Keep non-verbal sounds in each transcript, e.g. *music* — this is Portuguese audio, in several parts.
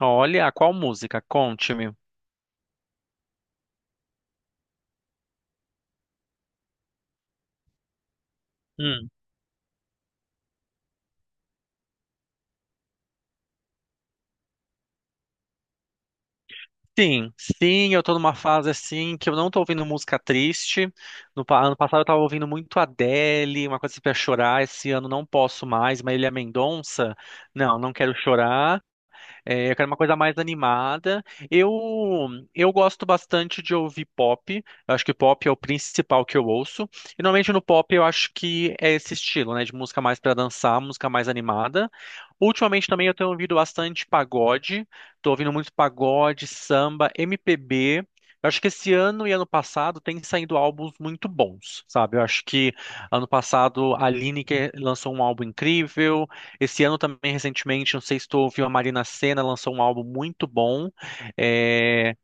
Olha, qual música? Conte-me. Hum. Sim, sim, eu tô numa fase assim que eu não tô ouvindo música triste. No pa- Ano passado eu tava ouvindo muito Adele, uma coisa assim pra chorar. Esse ano não posso mais, Marília Mendonça. Não, não quero chorar. É, eu quero uma coisa mais animada. Eu eu gosto bastante de ouvir pop. Eu acho que pop é o principal que eu ouço. E normalmente no pop eu acho que é esse estilo, né, de música mais para dançar, música mais animada. Ultimamente também eu tenho ouvido bastante pagode. Tô ouvindo muito pagode, samba, MPB. Eu acho que esse ano e ano passado tem saído álbuns muito bons, sabe? Eu acho que ano passado a Lineker lançou um álbum incrível. Esse ano também, recentemente, não sei se tu ouviu, a Marina Sena lançou um álbum muito bom. É,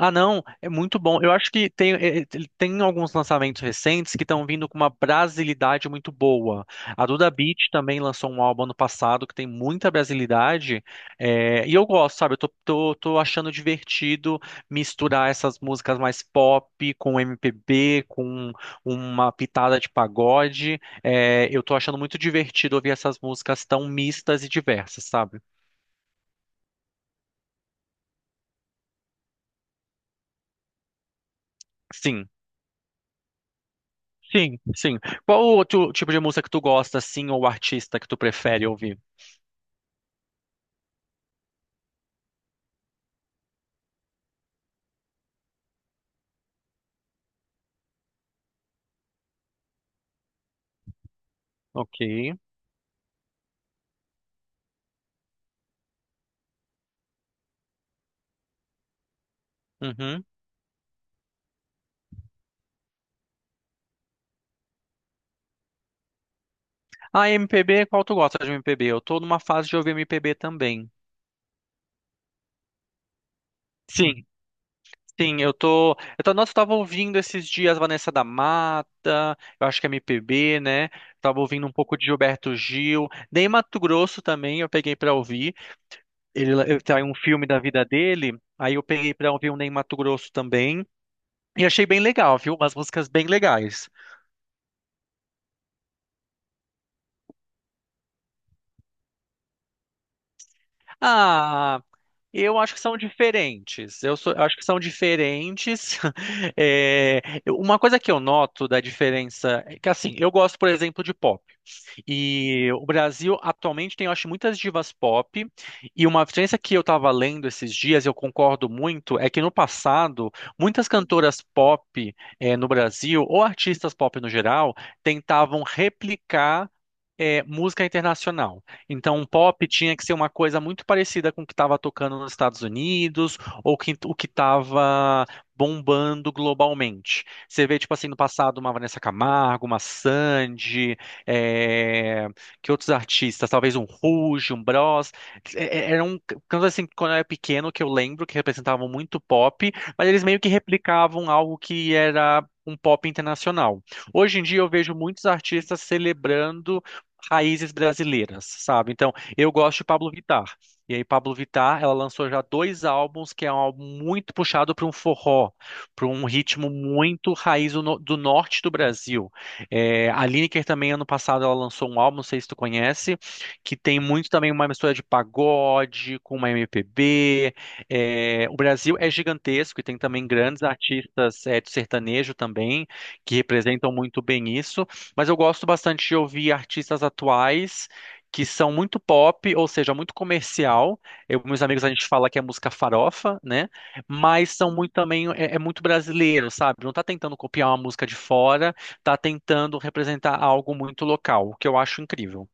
ah, não, é muito bom. Eu acho que tem, tem alguns lançamentos recentes que estão vindo com uma brasilidade muito boa. A Duda Beat também lançou um álbum ano passado que tem muita brasilidade. É, e eu gosto, sabe? Eu tô achando divertido misturar essas músicas mais pop com MPB, com uma pitada de pagode. É, eu tô achando muito divertido ouvir essas músicas tão mistas e diversas, sabe? Sim. Sim, sim. Qual o outro tipo de música que tu gosta, assim, ou artista que tu prefere ouvir? Ok. Uhum. Ah, MPB, qual tu gosta de MPB? Eu tô numa fase de ouvir MPB também. Sim, sim, eu tô. Nossa, eu tava ouvindo esses dias Vanessa da Mata, eu acho que é MPB, né? Tava ouvindo um pouco de Gilberto Gil. Ney Mato Grosso também eu peguei pra ouvir. Ele tem um filme da vida dele, aí eu peguei pra ouvir um Ney Mato Grosso também. E achei bem legal, viu? Umas músicas bem legais. Ah, eu acho que são diferentes. Eu acho que são diferentes. *laughs* É, uma coisa que eu noto da diferença é que, assim, eu gosto, por exemplo, de pop. E o Brasil atualmente tem, eu acho, muitas divas pop. E uma diferença que eu estava lendo esses dias, e eu concordo muito, é que no passado, muitas cantoras pop no Brasil, ou artistas pop no geral, tentavam replicar música internacional. Então, o pop tinha que ser uma coisa muito parecida com o que estava tocando nos Estados Unidos ou o que estava bombando globalmente. Você vê, tipo assim, no passado, uma Vanessa Camargo, uma Sandy, é, que outros artistas, talvez um Rouge, um Bros, eram cantos assim que quando eu era pequeno que eu lembro que representavam muito pop, mas eles meio que replicavam algo que era um pop internacional. Hoje em dia eu vejo muitos artistas celebrando raízes brasileiras, sabe? Então, eu gosto de Pablo Vittar. E aí, Pablo Vittar, ela lançou já dois álbuns, que é um álbum muito puxado para um forró, para um ritmo muito raiz do no- do norte do Brasil. É, a Lineker também, ano passado, ela lançou um álbum, não sei se tu conhece, que tem muito também uma mistura de pagode com uma MPB. É, o Brasil é gigantesco e tem também grandes artistas, é, de sertanejo também, que representam muito bem isso. Mas eu gosto bastante de ouvir artistas atuais. Que são muito pop, ou seja, muito comercial. Eu, meus amigos, a gente fala que é música farofa, né? Mas são muito também, é muito brasileiro, sabe? Não tá tentando copiar uma música de fora, tá tentando representar algo muito local, o que eu acho incrível.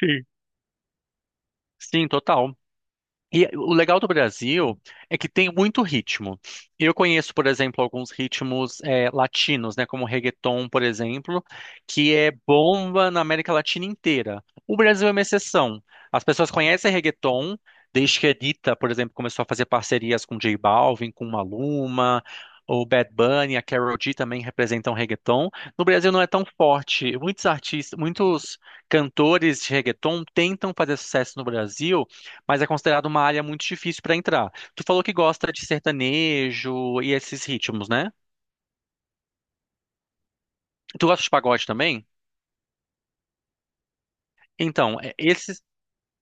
Sim. Sim, total. E o legal do Brasil é que tem muito ritmo. Eu conheço, por exemplo, alguns ritmos latinos, né, como reggaeton, por exemplo, que é bomba na América Latina inteira. O Brasil é uma exceção. As pessoas conhecem reggaeton desde que a Anitta, por exemplo, começou a fazer parcerias com J Balvin, com Maluma, o Bad Bunny, a Karol G também representam reggaeton. No Brasil não é tão forte. Muitos artistas, muitos cantores de reggaeton tentam fazer sucesso no Brasil, mas é considerado uma área muito difícil para entrar. Tu falou que gosta de sertanejo e esses ritmos, né? Tu gosta de pagode também? Então, é, esses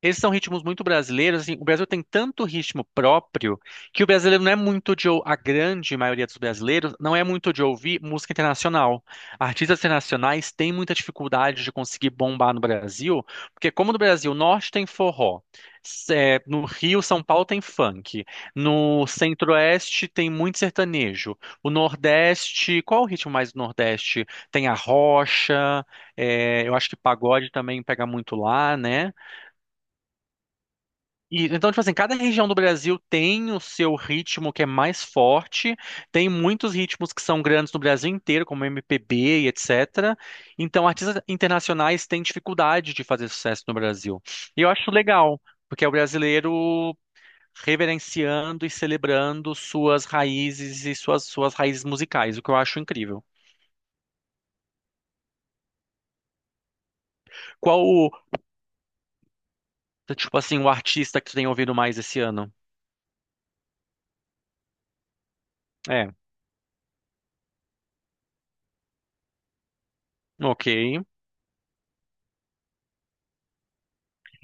Esses são ritmos muito brasileiros, assim, o Brasil tem tanto ritmo próprio que o brasileiro não é muito de, a grande maioria dos brasileiros não é muito de ouvir música internacional. Artistas internacionais têm muita dificuldade de conseguir bombar no Brasil, porque como no Brasil, o norte tem forró, no Rio, São Paulo tem funk, no centro-oeste tem muito sertanejo, o nordeste, qual o ritmo mais do nordeste? Tem a rocha, é, eu acho que pagode também pega muito lá, né? E então, tipo assim, cada região do Brasil tem o seu ritmo que é mais forte, tem muitos ritmos que são grandes no Brasil inteiro, como MPB e etc. Então, artistas internacionais têm dificuldade de fazer sucesso no Brasil. E eu acho legal, porque é o brasileiro reverenciando e celebrando suas raízes e suas raízes musicais, o que eu acho incrível. Qual o, tipo assim, o artista que tu tem ouvido mais esse ano? É, ok.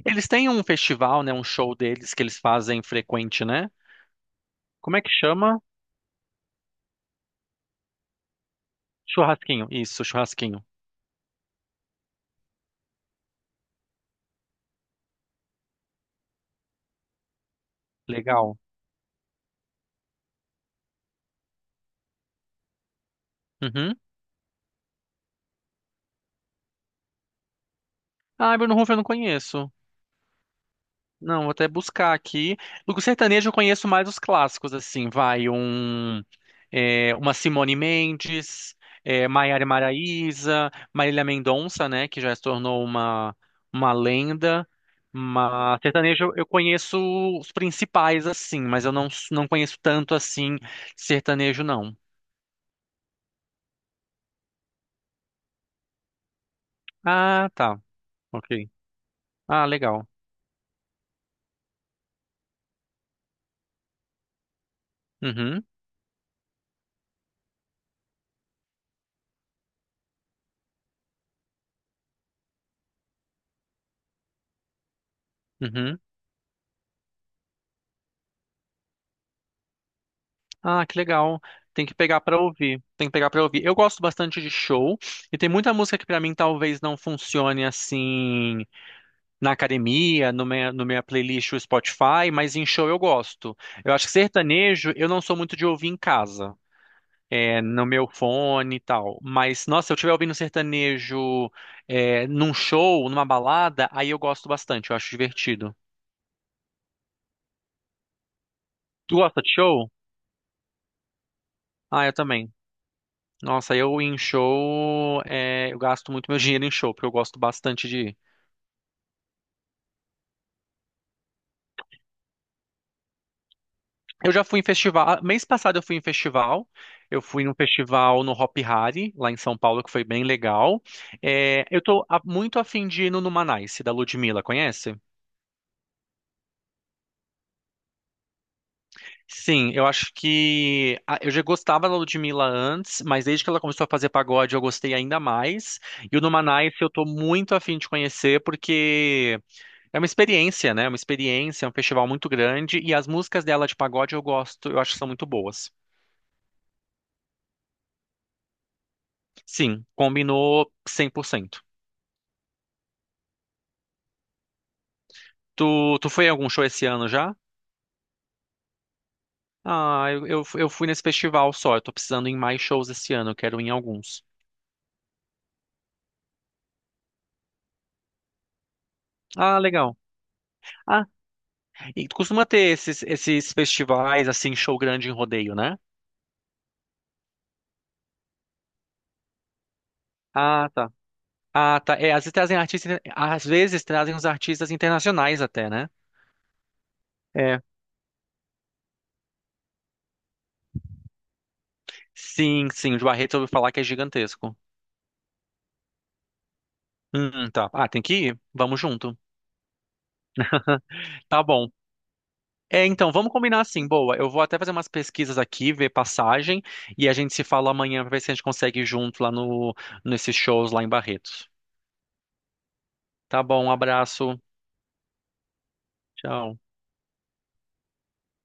Eles têm um festival, né? Um show deles que eles fazem frequente, né? Como é que chama? Churrasquinho. Isso, churrasquinho. Legal. Uhum. Ah, Bruno Huff eu não conheço. Não, vou até buscar aqui. Do sertanejo eu conheço mais os clássicos, assim, vai um, é, uma Simone Mendes, é, Maiara e Maraíza, Marília Mendonça, né, que já se tornou uma lenda. Mas sertanejo eu conheço os principais, assim, mas eu não, não conheço tanto, assim, sertanejo, não. Ah, tá, ok. Ah, legal. Uhum, uhum. Ah, que legal. Tem que pegar pra ouvir. Tem que pegar pra ouvir. Eu gosto bastante de show e tem muita música que pra mim talvez não funcione assim na academia, no minha playlist do Spotify, mas em show eu gosto. Eu acho que sertanejo eu não sou muito de ouvir em casa, é, no meu fone e tal. Mas nossa, se eu estiver ouvindo sertanejo é, num show, numa balada, aí eu gosto bastante. Eu acho divertido. Tu gosta de show? Ah, eu também. Nossa, eu em show, é, eu gasto muito meu dinheiro em show, porque eu gosto bastante de ir. Eu já fui em festival, ah, mês passado eu fui em festival, eu fui num festival no Hop Hari, lá em São Paulo, que foi bem legal. É, muito afim de ir no Numanice, da Ludmilla, conhece? Sim, eu acho que eu já gostava da Ludmilla antes, mas desde que ela começou a fazer pagode eu gostei ainda mais. E o Numanice eu tô muito afim de conhecer, porque... É uma experiência, né? É uma experiência, é um festival muito grande e as músicas dela de pagode eu gosto, eu acho que são muito boas. Sim, combinou 100%. Tu foi em algum show esse ano já? Ah, eu fui nesse festival só, eu tô precisando ir em mais shows esse ano, eu quero ir em alguns. Ah, legal. Ah, e tu costuma ter esses, esses festivais, assim, show grande em rodeio, né? Ah, tá. Ah, tá. É, às vezes trazem artistas, às vezes trazem os artistas internacionais até, né? É. Sim, sim, o de Barreto eu ouvi falar que é gigantesco. Tá. Ah, tem que ir? Vamos junto. Tá bom. É, então, vamos combinar assim, boa. Eu vou até fazer umas pesquisas aqui, ver passagem, e a gente se fala amanhã pra ver se a gente consegue ir junto lá no, nesses shows lá em Barretos. Tá bom, um abraço. Tchau.